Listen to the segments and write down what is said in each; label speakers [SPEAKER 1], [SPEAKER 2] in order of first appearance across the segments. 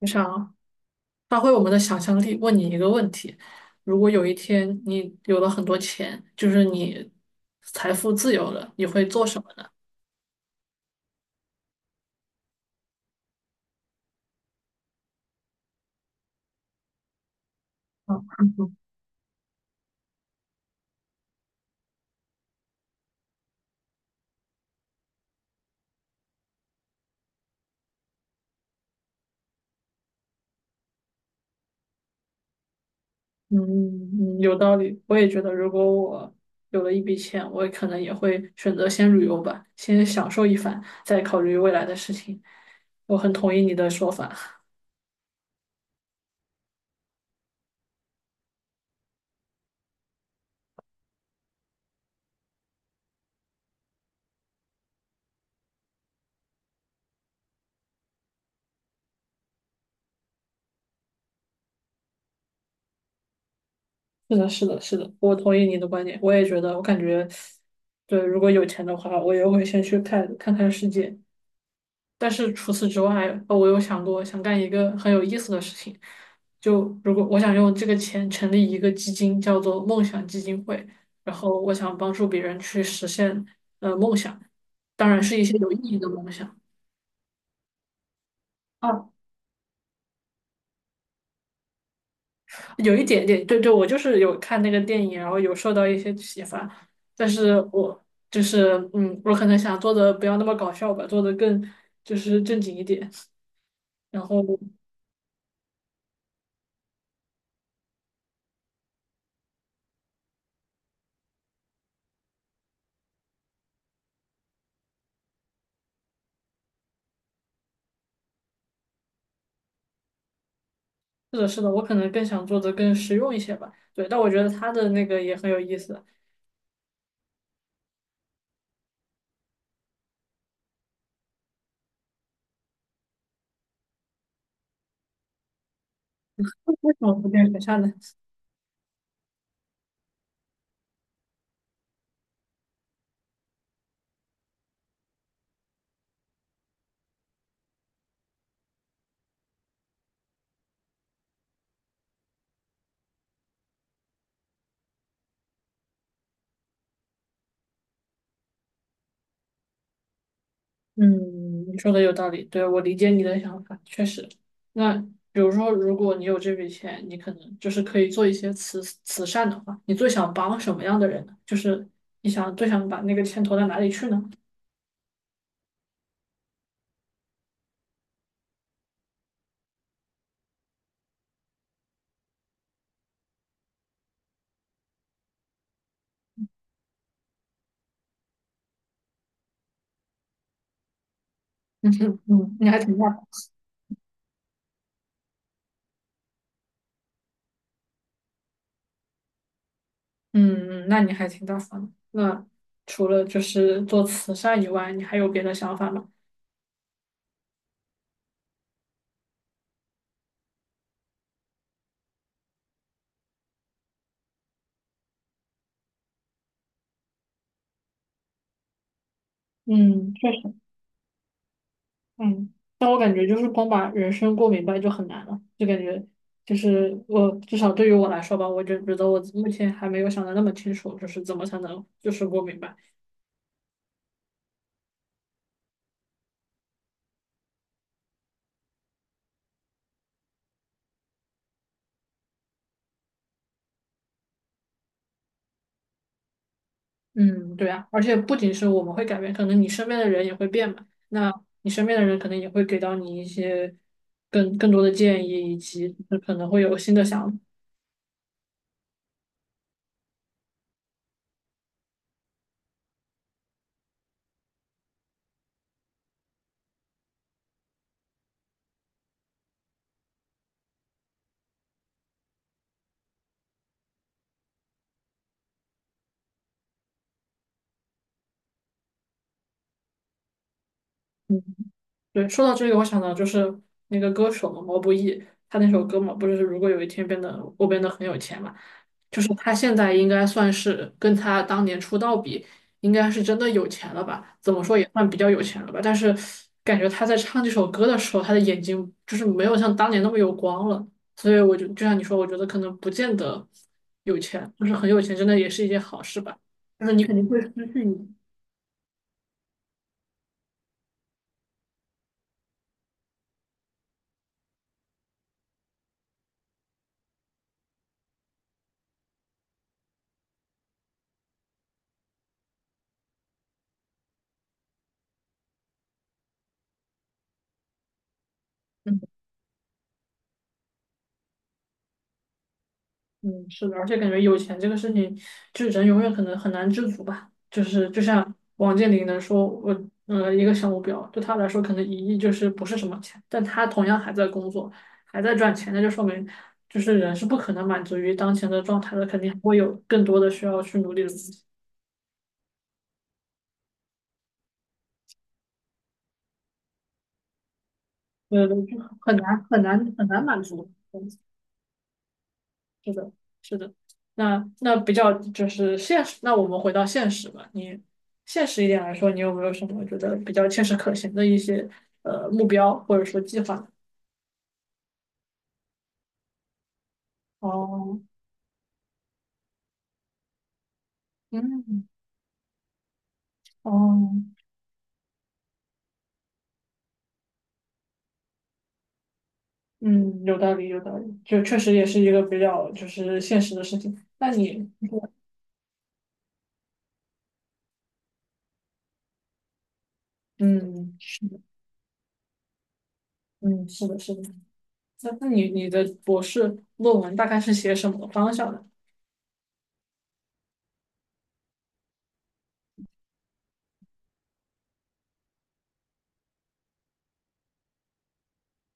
[SPEAKER 1] 我想发挥我们的想象力，问你一个问题：如果有一天你有了很多钱，就是你财富自由了，你会做什么呢？嗯嗯,有道理。我也觉得，如果我有了一笔钱，我可能也会选择先旅游吧，先享受一番，再考虑未来的事情。我很同意你的说法。是的，是的，是的，我同意你的观点。我也觉得，我感觉，对，如果有钱的话，我也会先去看看世界，但是除此之外，我有想过想干一个很有意思的事情，就如果我想用这个钱成立一个基金，叫做梦想基金会，然后我想帮助别人去实现梦想，当然是一些有意义的梦想。啊，有一点点，对对，我就是有看那个电影，然后有受到一些启发，但是我就是我可能想做的不要那么搞笑吧，做的更就是正经一点，然后。是的，是的，我可能更想做的更实用一些吧。对，但我觉得他的那个也很有意思。为什么不变学校呢？嗯，你说的有道理，对，我理解你的想法，确实。那比如说，如果你有这笔钱，你可能就是可以做一些慈善的话，你最想帮什么样的人呢？就是你想最想把那个钱投到哪里去呢？嗯哼，嗯，你还挺大方。嗯，那你还挺大方的。那除了就是做慈善以外，你还有别的想法吗？嗯，确实。嗯，但我感觉就是光把人生过明白就很难了，就感觉就是我至少对于我来说吧，我就觉得我目前还没有想的那么清楚，就是怎么才能就是过明白。嗯，对啊，而且不仅是我们会改变，可能你身边的人也会变嘛，那你身边的人可能也会给到你一些更多的建议，以及可能会有新的想法。嗯对，说到这个，我想到就是那个歌手嘛，毛不易，他那首歌嘛，不是如果有一天变得我变得很有钱嘛，就是他现在应该算是跟他当年出道比，应该是真的有钱了吧？怎么说也算比较有钱了吧？但是感觉他在唱这首歌的时候，他的眼睛就是没有像当年那么有光了，所以我就像你说，我觉得可能不见得就是很有钱，真的也是一件好事吧，就是你肯定会失去你。嗯嗯，是的，而且感觉有钱这个事情，就是人永远可能很难知足吧。就是就像王健林能说，我一个小目标，对他来说可能1亿就是不是什么钱，但他同样还在工作，还在赚钱，那就说明就是人是不可能满足于当前的状态的，肯定还会有更多的需要去努力的东西，对对，就很难很难很难满足。嗯是的，是的。那那比较就是现实，那我们回到现实吧。你现实一点来说，你有没有什么觉得比较切实可行的一些目标或者说计划哦，嗯，哦，嗯，有道理，有道理，就确实也是一个比较就是现实的事情。那你，嗯嗯，是的，是的。那那你你的博士论文大概是写什么方向的？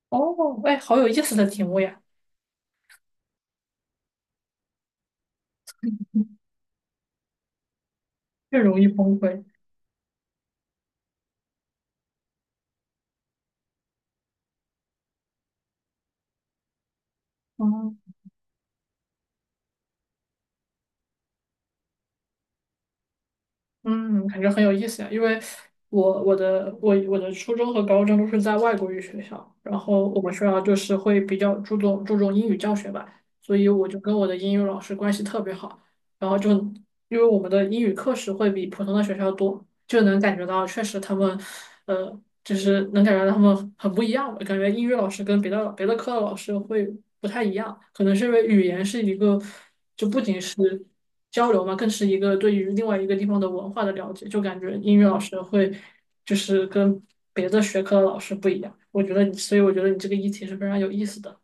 [SPEAKER 1] 哦，哎，好有意思的题目呀 越容易崩溃。哦嗯，感觉很有意思呀。因为我的初中和高中都是在外国语学校，然后我们学校就是会比较注重英语教学吧，所以我就跟我的英语老师关系特别好。然后就因为我们的英语课时会比普通的学校多，就能感觉到确实他们，呃，就是能感觉到他们很不一样吧。感觉英语老师跟别的科的老师会不太一样，可能是因为语言是一个。交流嘛，更是一个对于另外一个地方的文化的了解。就感觉英语老师会就是跟别的学科的老师不一样。我觉得你，所以我觉得你这个议题是非常有意思的。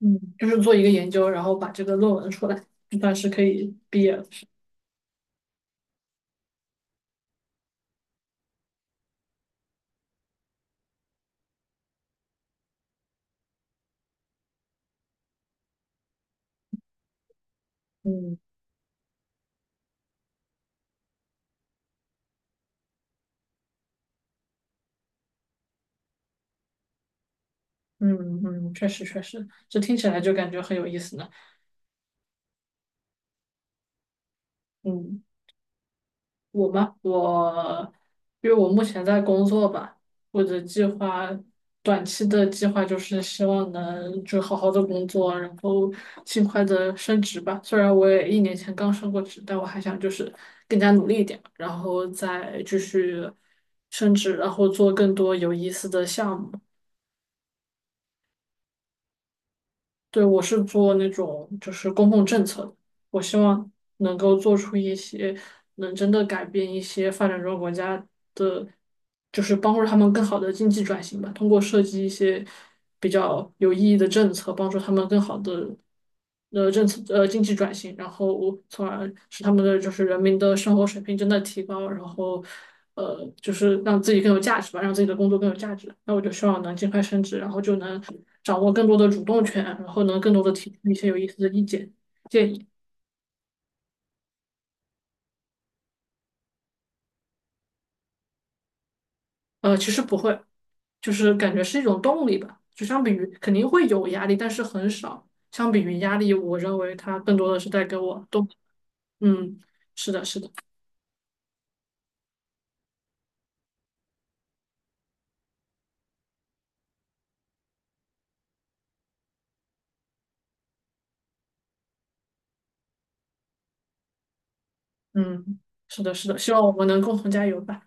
[SPEAKER 1] 嗯，就是做一个研究，然后把这个论文出来，就算是可以毕业了。嗯嗯嗯，确实确实，这听起来就感觉很有意思呢。嗯。我吗？我，因为我目前在工作吧，我的计划，短期的计划就是希望能就好好的工作，然后尽快的升职吧。虽然我也1年前刚升过职，但我还想就是更加努力一点，然后再继续升职，然后做更多有意思的项目。对，我是做那种就是公共政策的，我希望能够做出一些能真的改变一些发展中国家的，就是帮助他们更好的经济转型吧，通过设计一些比较有意义的政策，帮助他们更好的的政策经济转型，然后从而使他们的就是人民的生活水平真的提高，然后就是让自己更有价值吧，让自己的工作更有价值。那我就希望能尽快升职，然后就能掌握更多的主动权，然后能更多的提出一些有意思的意见建议。呃，其实不会，就是感觉是一种动力吧。就相比于肯定会有压力，但是很少。相比于压力，我认为它更多的是带给我动力。嗯，是的，是的，嗯，是的，是的。希望我们能共同加油吧。